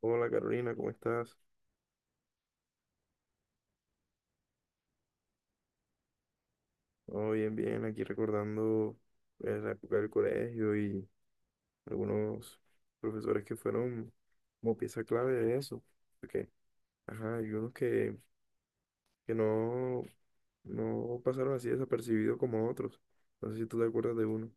Hola Carolina, ¿cómo estás? Oh, bien, bien, aquí recordando la época del colegio y algunos profesores que fueron como pieza clave de eso. Porque, ajá, hay unos que, que no, no pasaron así desapercibidos como otros. No sé si tú te acuerdas de uno.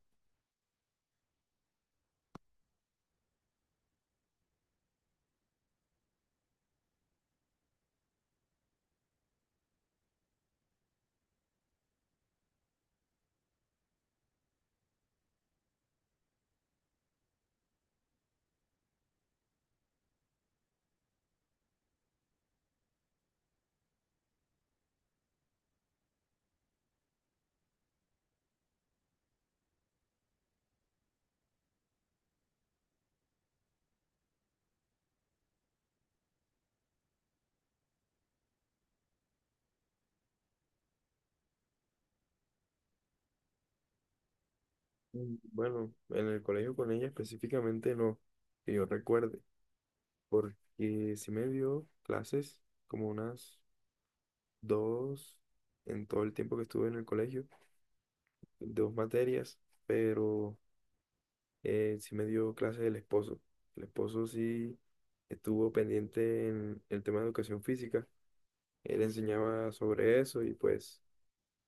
Mm, bueno, en el colegio con ella específicamente no, que yo recuerde, porque sí me dio clases como unas dos en todo el tiempo que estuve en el colegio, dos materias, pero sí me dio clases el esposo. El esposo sí estuvo pendiente en el tema de educación física. Él enseñaba sobre eso y pues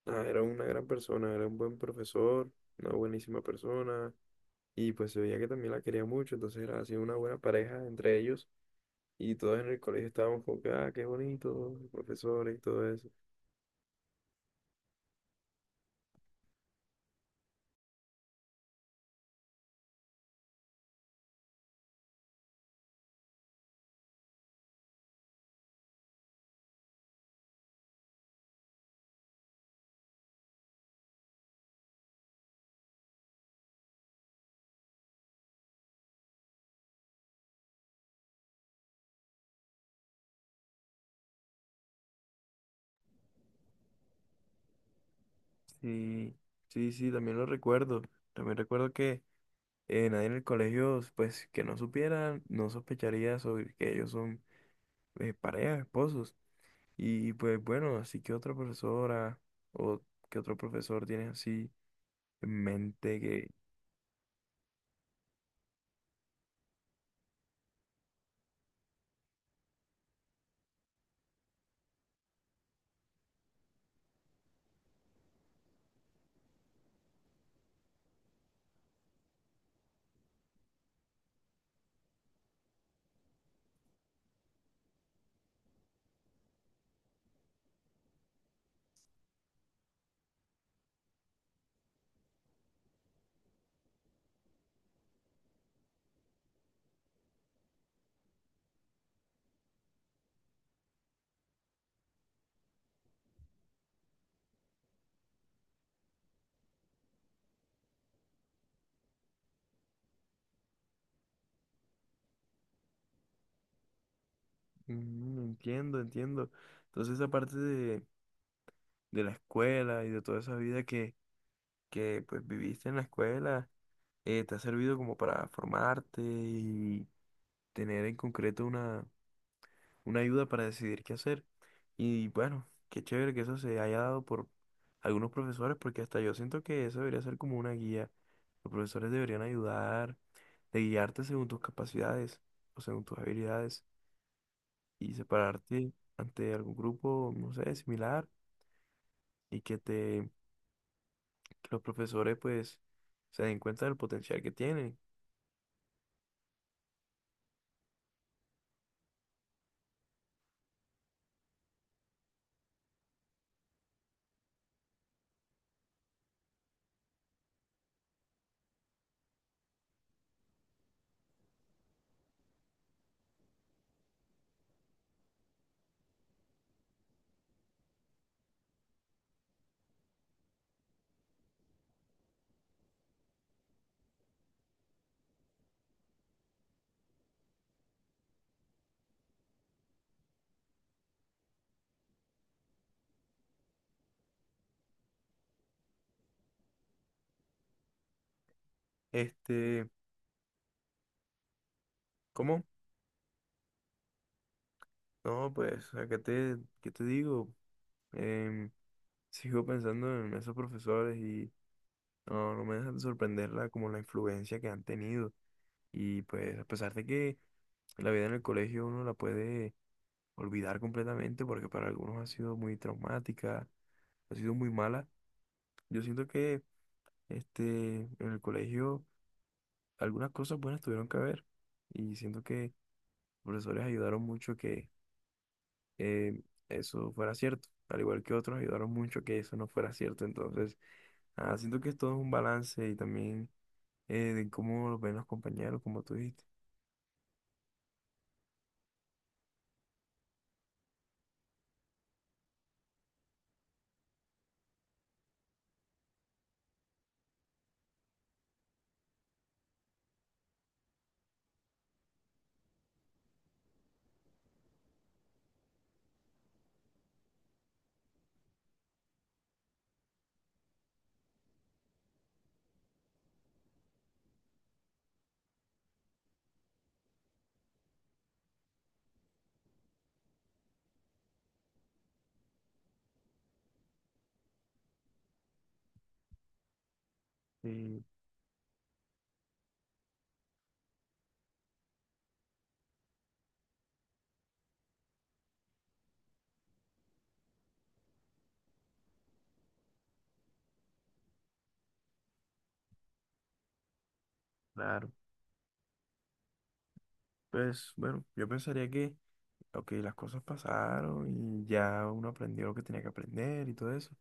nada, era una gran persona, era un buen profesor, una buenísima persona, y pues se veía que también la quería mucho, entonces era así una buena pareja entre ellos y todos en el colegio estábamos como que, ah, qué bonito, los profesores y todo eso. Sí, sí, sí, también lo recuerdo. También recuerdo que nadie en el colegio, pues que no supiera, no sospecharía sobre que ellos son pareja, esposos. Y pues bueno, así que otra profesora o que otro profesor tienes así en mente que... Mm, entiendo, entiendo. Entonces esa parte de la escuela y de toda esa vida que pues viviste en la escuela, te ha servido como para formarte y tener en concreto una ayuda para decidir qué hacer. Y bueno, qué chévere que eso se haya dado por algunos profesores, porque hasta yo siento que eso debería ser como una guía. Los profesores deberían ayudar, de guiarte según tus capacidades o según tus habilidades y separarte ante algún grupo, no sé, similar, y que los profesores pues se den cuenta del potencial que tienen. Este, ¿cómo? No, pues acá te, ¿qué te digo? Em, Sigo pensando en esos profesores. No, no me deja de sorprender la, como la influencia que han tenido. Y pues a pesar de que la vida en el colegio uno la puede olvidar completamente porque para algunos ha sido muy traumática, ha sido muy mala, yo siento que este, en el colegio algunas cosas buenas tuvieron que haber, y siento que los profesores ayudaron mucho que eh, eso fuera cierto, al igual que otros ayudaron mucho que eso no fuera cierto. Entonces, ah, siento que es todo un balance y también de cómo lo ven los compañeros, como tú dijiste. Sí, claro. Pues bueno, yo pensaría que, ok, las cosas pasaron y ya uno aprendió lo que tenía que aprender y todo eso,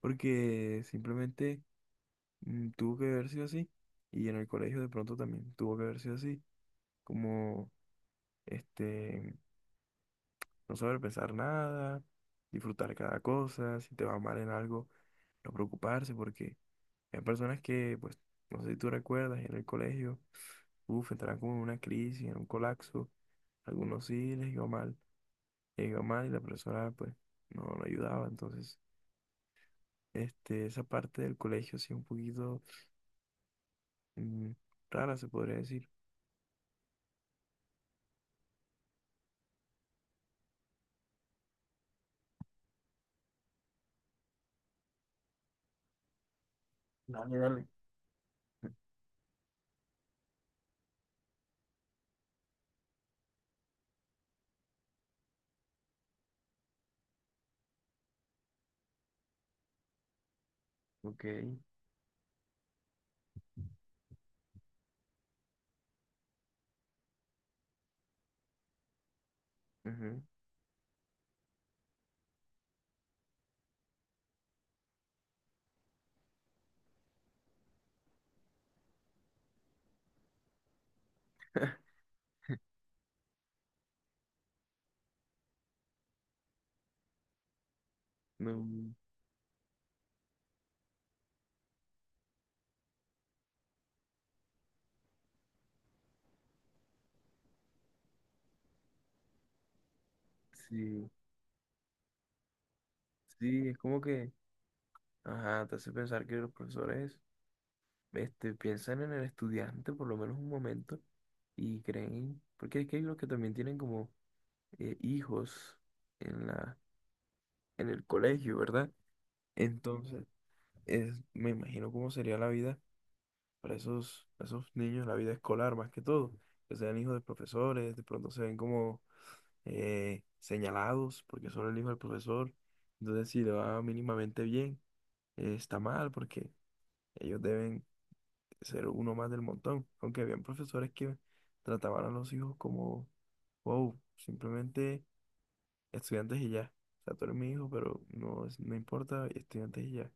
porque simplemente mm, tuvo que haber sido así, y en el colegio de pronto también tuvo que haber sido así, como este, no saber pensar nada, disfrutar cada cosa, si te va mal en algo, no preocuparse porque... Hay personas que, pues, no sé si tú recuerdas, en el colegio, uff, entraron como en una crisis, en un colapso. Algunos sí les iba mal y la persona, pues, no, no ayudaba. Entonces, este, esa parte del colegio sí un poquito mm, rara, se podría decir. Dale, dale. Ok. Ujú. No, sí, sí, es como que, ajá, te hace pensar que los profesores este, piensan en el estudiante por lo menos un momento y creen, porque es que hay los que también tienen como hijos en la, en el colegio, ¿verdad? Entonces, es, me imagino cómo sería la vida para esos niños, la vida escolar más que todo, que sean hijos de profesores, de pronto se ven como señalados porque son el hijo del profesor, entonces si le va mínimamente bien, está mal porque ellos deben ser uno más del montón. Aunque habían profesores que trataban a los hijos como, wow, simplemente estudiantes y ya. O sea, tú eres mi hijo, pero no, es- no importa, estudiantes y ya.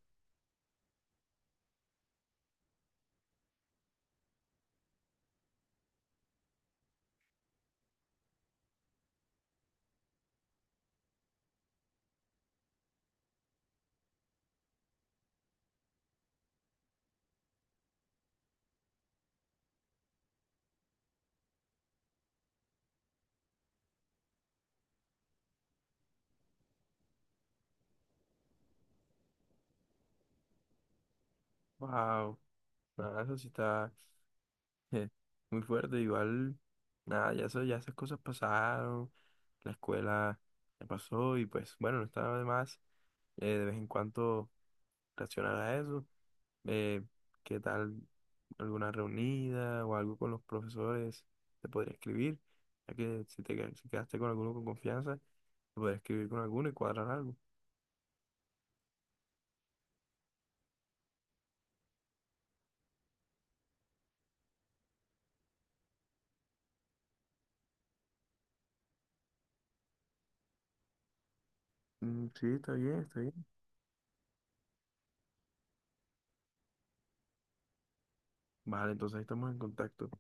Wow, nada, eso sí está eh, muy fuerte. Igual, nada, ya, eso, ya esas cosas pasaron, la escuela ya pasó y pues bueno, no estaba de más de vez en cuando reaccionar a eso. Eh, ¿Qué tal alguna reunida o algo con los profesores? Te podría escribir, ya que si te qued- si quedaste con alguno con confianza, te podría escribir con alguno y cuadrar algo. Mm, sí, está bien, está bien. Vale, entonces ahí estamos en contacto.